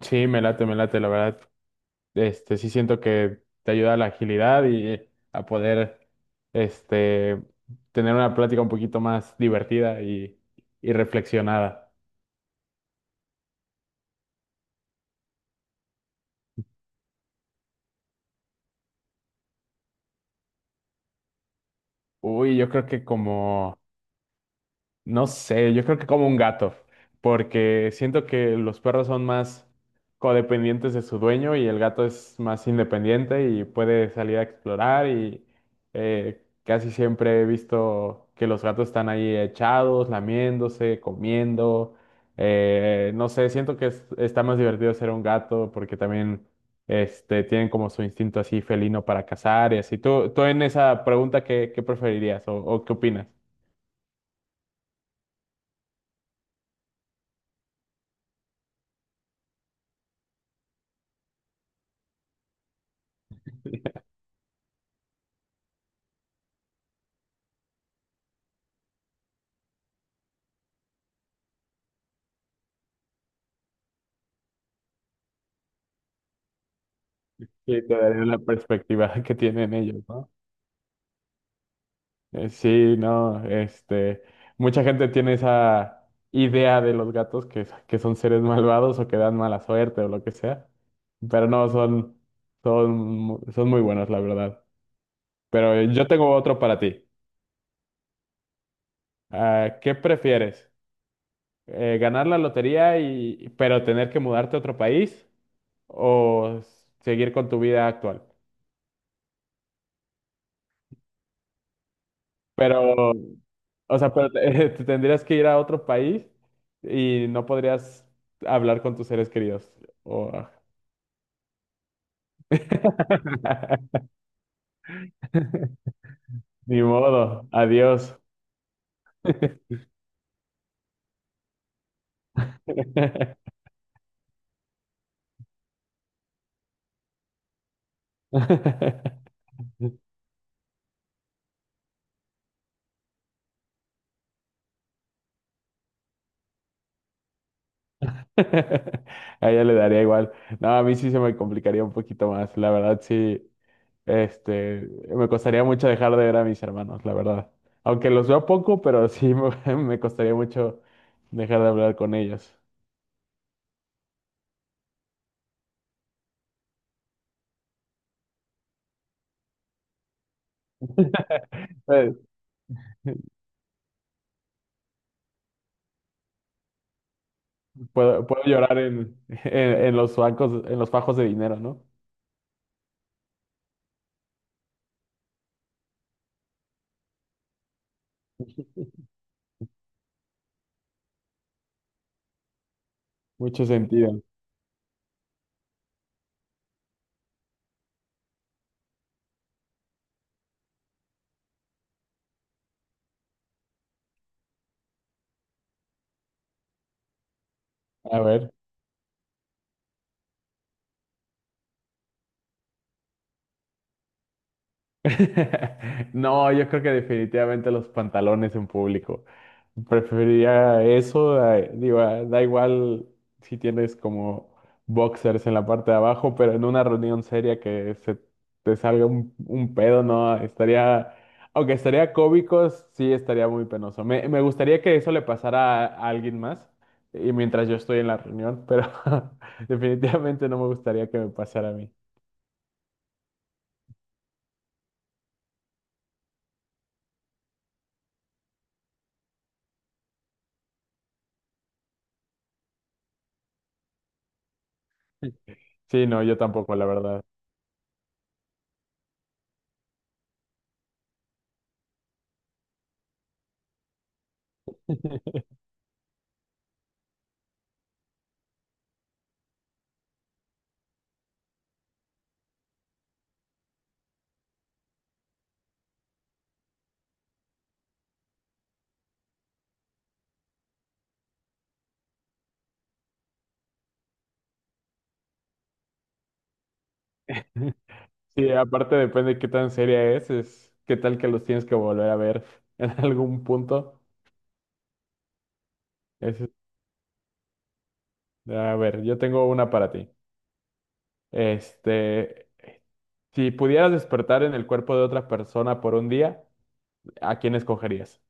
Sí, me late, la verdad. Sí siento que te ayuda a la agilidad y a poder, este, tener una plática un poquito más divertida y reflexionada. Uy, yo creo que como no sé, yo creo que como un gato, porque siento que los perros son más codependientes de su dueño y el gato es más independiente y puede salir a explorar y casi siempre he visto que los gatos están ahí echados, lamiéndose, comiendo. No sé, siento que está más divertido ser un gato porque también tienen como su instinto así felino para cazar y así. ¿Tú en esa pregunta ¿qué preferirías o qué opinas? Y te daría la perspectiva que tienen ellos, ¿no? Sí, no, mucha gente tiene esa idea de los gatos que son seres malvados o que dan mala suerte o lo que sea, pero no, son, son muy buenos, la verdad. Pero yo tengo otro para ti. Ah, ¿qué prefieres? ¿Ganar la lotería pero tener que mudarte a otro país o seguir con tu vida actual? Pero, o sea, te tendrías que ir a otro país y no podrías hablar con tus seres queridos. O- Ni modo, adiós. A ella le daría igual. No, a mí sí se me complicaría un poquito más. La verdad, sí, me costaría mucho dejar de ver a mis hermanos, la verdad. Aunque los veo poco, pero me costaría mucho dejar de hablar con ellos. Pues, puedo llorar en los bancos, en los fajos de dinero, ¿no? Mucho sentido. A ver. No, yo creo que definitivamente los pantalones en público. Preferiría eso, digo, ah, da igual si tienes como boxers en la parte de abajo, pero en una reunión seria que se te salga un pedo, ¿no? Estaría, aunque estaría cómico, sí estaría muy penoso. Me gustaría que eso le pasara a alguien más y mientras yo estoy en la reunión, pero definitivamente no me gustaría que me pasara a mí. Sí, no, yo tampoco, la verdad. Sí, aparte depende de qué tan seria es qué tal que los tienes que volver a ver en algún punto. Es- a ver, yo tengo una para ti. Este, si pudieras despertar en el cuerpo de otra persona por un día, ¿a quién escogerías?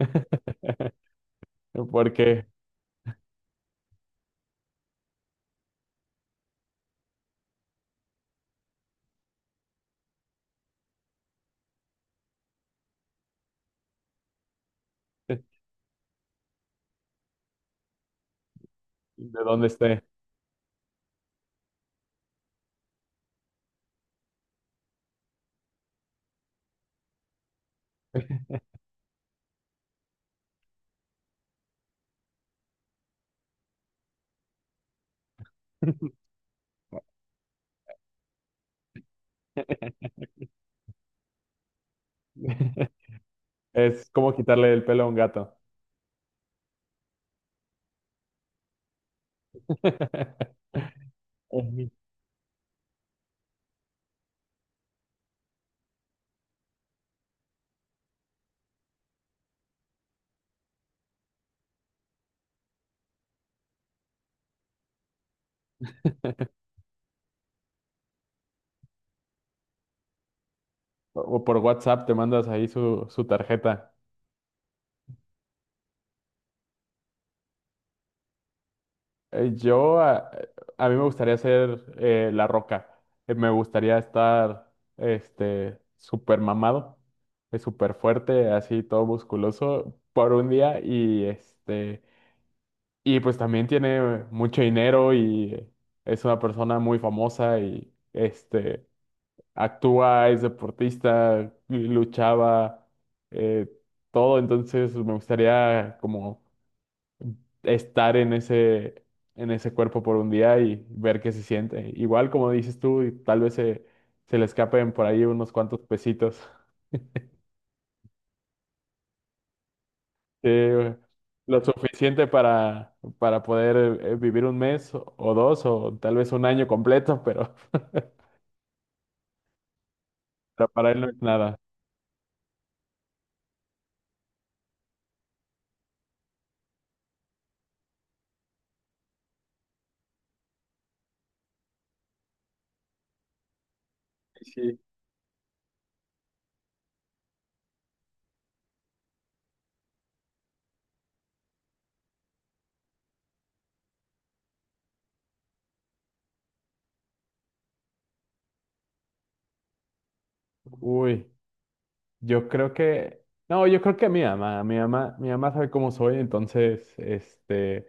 Porque de dónde esté. Es como quitarle el pelo a un gato. Ujú. O por WhatsApp te mandas ahí su tarjeta. Eh, Yo, a, a mí me gustaría ser La Roca. Me gustaría estar súper mamado, súper fuerte, así todo musculoso por un día y y pues también tiene mucho dinero y es una persona muy famosa y actúa, es deportista, luchaba, eh, todo. Entonces me gustaría como estar en en ese cuerpo por un día y ver qué se siente. Igual, como dices tú, y tal vez se le escapen por ahí unos cuantos pesitos. Sí, güey. Lo suficiente para poder vivir un mes o dos o tal vez un año completo, pero, pero para él no es nada. Sí. Uy. Yo creo que, no, yo creo que mi mamá sabe cómo soy, entonces,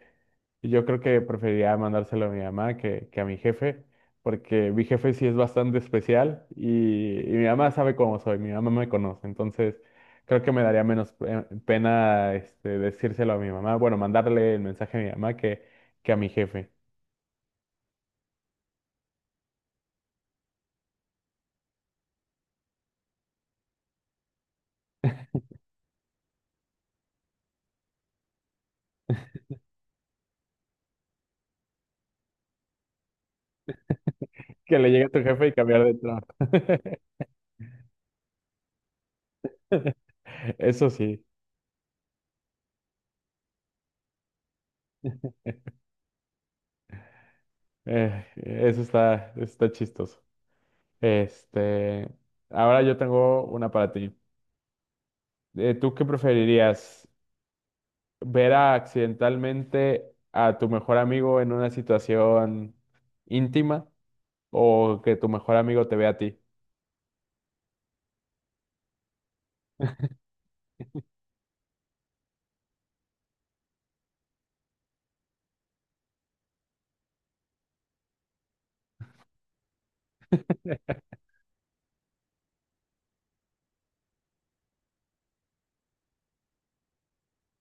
yo creo que preferiría mandárselo a mi mamá que a mi jefe, porque mi jefe sí es bastante especial y mi mamá sabe cómo soy, mi mamá me conoce, entonces creo que me daría menos pena, decírselo a mi mamá, bueno, mandarle el mensaje a mi mamá que a mi jefe, que le llegue a tu jefe y cambiar de trabajo. Eso sí, eso está, está chistoso. Este, Ahora yo tengo una para ti. ¿Tú qué preferirías? ¿Ver accidentalmente a tu mejor amigo en una situación íntima o que tu mejor amigo te vea a ti?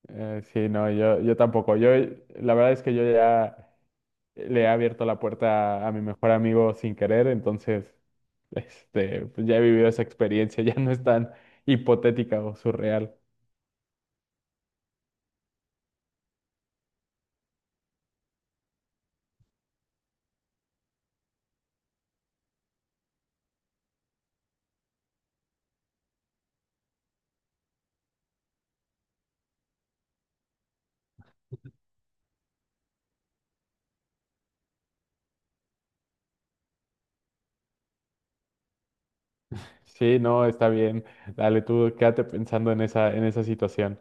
Sí, no, yo tampoco. Yo, la verdad es que yo ya le he abierto la puerta a mi mejor amigo sin querer, entonces, pues ya he vivido esa experiencia, ya no es tan hipotética o surreal. Sí, no, está bien. Dale, tú quédate pensando en en esa situación.